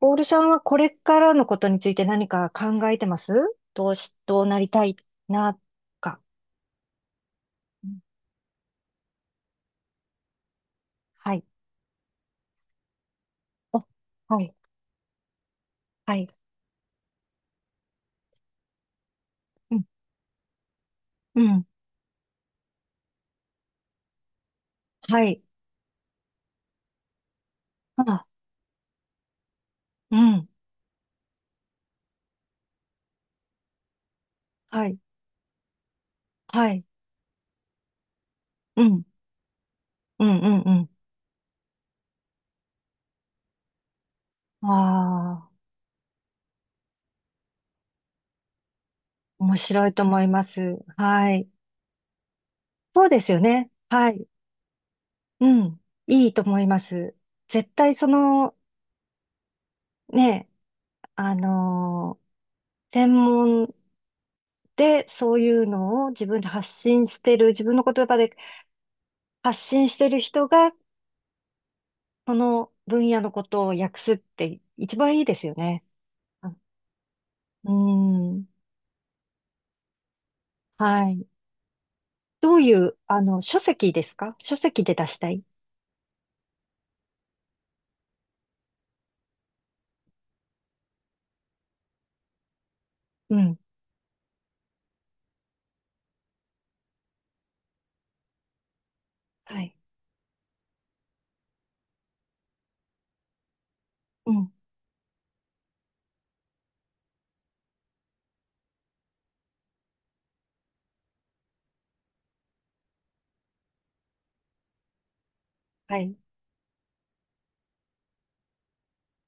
ボールさんはこれからのことについて何か考えてます。どうなりたいな、か。うん。はい。お、はい、はい。うん、うん、はい。あ、うん、はい、はい。うん、うん、うん、うん。ああ、面白いと思います。はい。そうですよね。はい。うん、いいと思います。絶対ね、あのー専門でそういうのを自分で発信してる、自分の言葉で発信してる人が、その分野のことを訳すって一番いいですよね。あ、うん。はい。どういう、書籍ですか。書籍で出したい。うん。はい。うん。はい。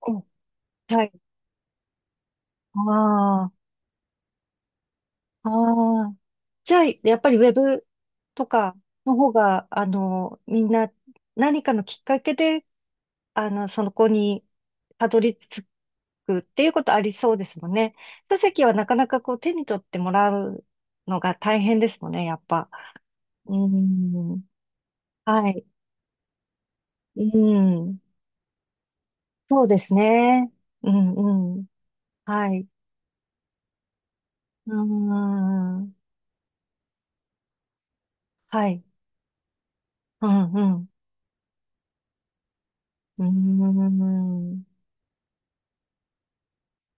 うん。はい。ああ。ああ。じゃあ、やっぱりウェブとかの方が、みんな何かのきっかけでそこにたどり着くっていうことありそうですもんね。書籍はなかなかこう手に取ってもらうのが大変ですもんね、やっぱ。うーん。はい。うん。そうですね。うん、うん。はい。うーん。はい。うん、うん。うーん。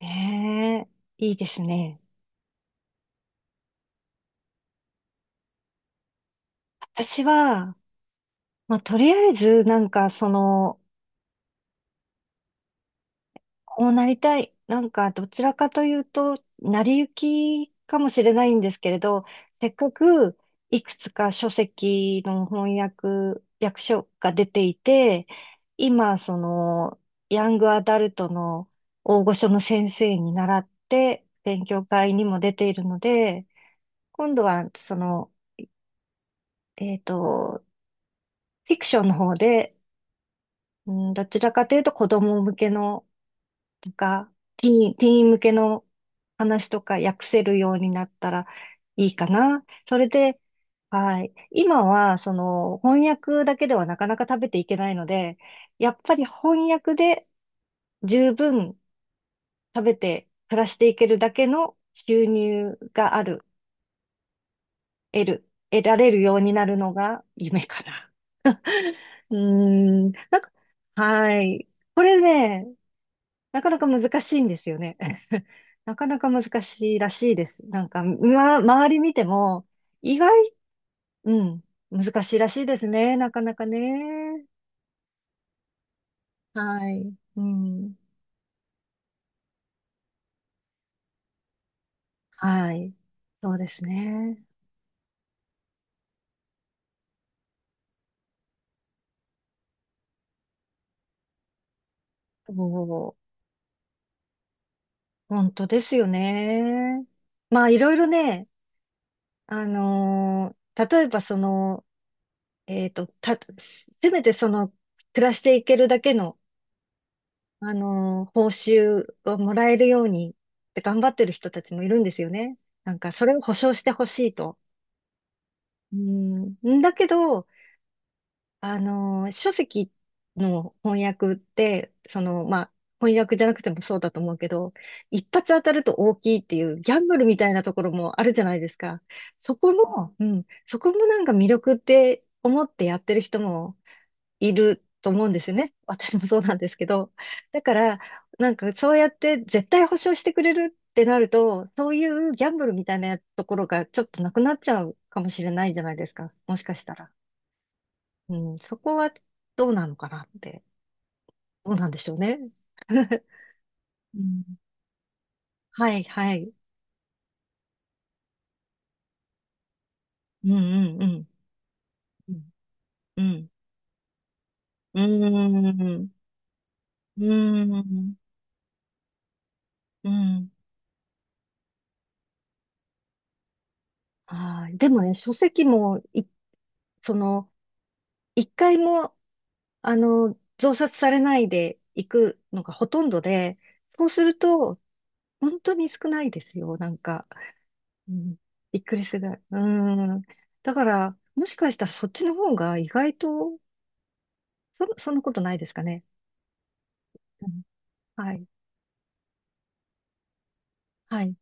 ねえ、いいですね。私は、まあ、とりあえず、なんか、その、こうなりたい。なんか、どちらかというと、成り行きかもしれないんですけれど、せっかくいくつか書籍の翻訳、訳書が出ていて、今、その、ヤングアダルトの大御所の先生に習って、勉強会にも出ているので、今度は、その、えっと、フィクションの方で、うん、どちらかというと子供向けのなんか、ティーン向けの話とか訳せるようになったらいいかな。それで、はい。今は、その、翻訳だけではなかなか食べていけないので、やっぱり翻訳で十分食べて暮らしていけるだけの収入がある、得る、得られるようになるのが夢かな。うーん、なんか、はい。これね、なかなか難しいんですよね。なかなか難しいらしいです。なんか、ま、周り見ても、意外、うん、難しいらしいですね。なかなかね。はい。うん。はい。そうですね。そう、本当ですよね。まあ、いろいろね、例えばせめて暮らしていけるだけの報酬をもらえるようにって頑張ってる人たちもいるんですよね。なんか、それを保証してほしいと。うん、んだけど、書籍の翻訳って、まあ、翻訳じゃなくてもそうだと思うけど、一発当たると大きいっていうギャンブルみたいなところもあるじゃないですか。そこも、うん、そこもなんか魅力って思ってやってる人もいると思うんですよね。私もそうなんですけど。だから、なんかそうやって絶対保証してくれるってなると、そういうギャンブルみたいなところがちょっとなくなっちゃうかもしれないじゃないですか。もしかしたら。うん、そこはどうなのかなって。どうなんでしょうね。うん、はい、はい。うん、うん、うん。うん、うん、うん、うん。うん。はい。でもね、書籍もその、一回も増刷されないでいくのがほとんどで、そうすると、本当に少ないですよ、なんか。うん、びっくりするぐらい。うん。だから、もしかしたらそっちの方が意外と、そんなことないですかね。うん、はい。はい。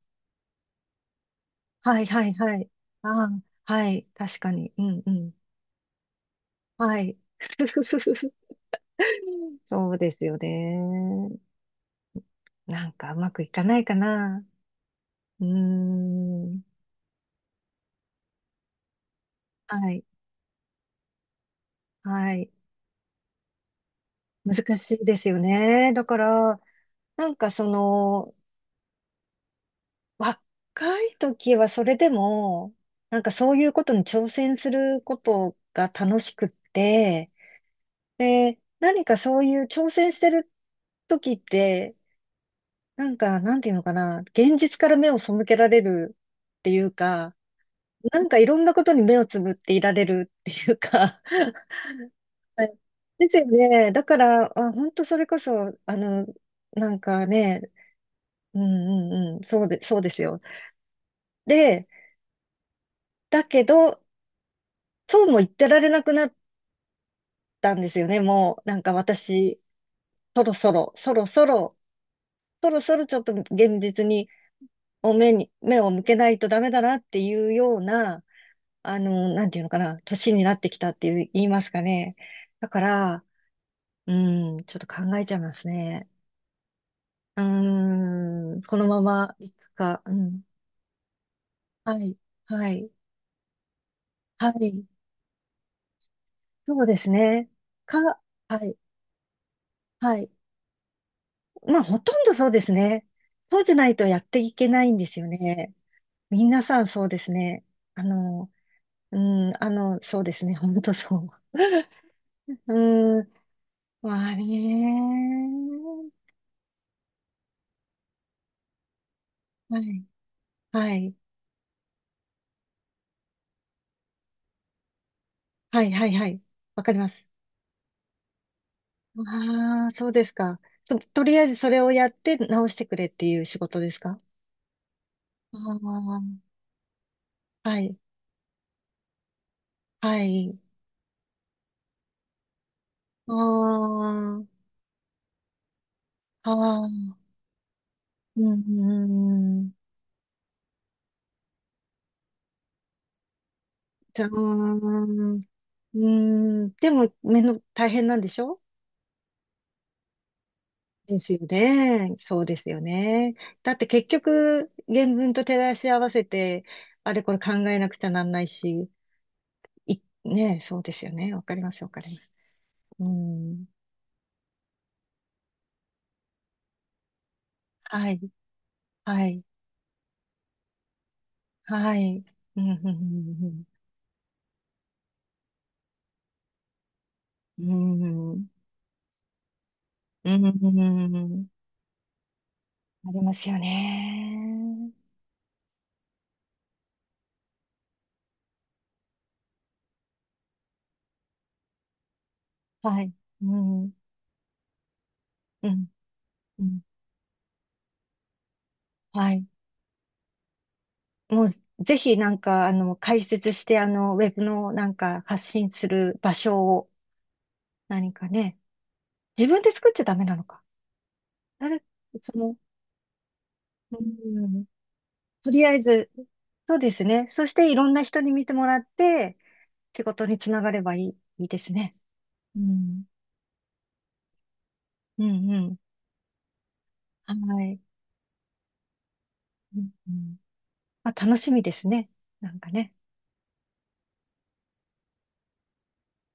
はい、はい、はい。ああ、はい。確かに。うん、うん。はい。ふふふふふ。そうですよね。なんかうまくいかないかな。うーん。はい。はい。難しいですよね。だから、なんか若い時はそれでも、なんかそういうことに挑戦することが楽しくって、で、何かそういう挑戦してる時って、なんか、なんていうのかな、現実から目を背けられるっていうか、なんかいろんなことに目をつぶっていられるっていうか、はいですよね。だから、あ、本当それこそ、なんかね、うんうんうん、そうですよ。で、だけど、そうも言ってられなくなったんですよね、もう。なんか私、そろそろ、そろそろ、そろそろちょっと現実に、お目に、目を向けないとダメだなっていうような、なんていうのかな、年になってきたっていう、言いますかね。だから、うん、ちょっと考えちゃいますね。うん、このままいくか、うん。はい、はい、はい、そうですね。か、はい。はい。まあ、ほとんどそうですね。そうじゃないとやっていけないんですよね。皆さんそうですね。あの、うん、そうですね。本当そう。うん、まあね。はい。はい。はい、はい、はい。わかります。ああ、そうですか。とりあえずそれをやって直してくれっていう仕事ですか。ああ、はい、はい。ああ、ああ、うん、うん、うん。じゃーん。うーん。でも、目の大変なんでしょ。ですよね。そうですよね。だって結局、原文と照らし合わせて、あれこれ考えなくちゃなんないし、ねえ、そうですよね。わかります、わかります。うん。はい、はい、はい。うん、うん、うん、うん。うん、うんうんありますよね。はい、うん、うん、うん。はい。もうぜひなんか、解説して、ウェブのなんか発信する場所を何かね、自分で作っちゃダメなのか。誰、その、うん、とりあえず、そうですね。そしていろんな人に見てもらって、仕事につながればいい、いいですね。うん。うんうん。はい。うんうん、まあ、楽しみですね。なんかね。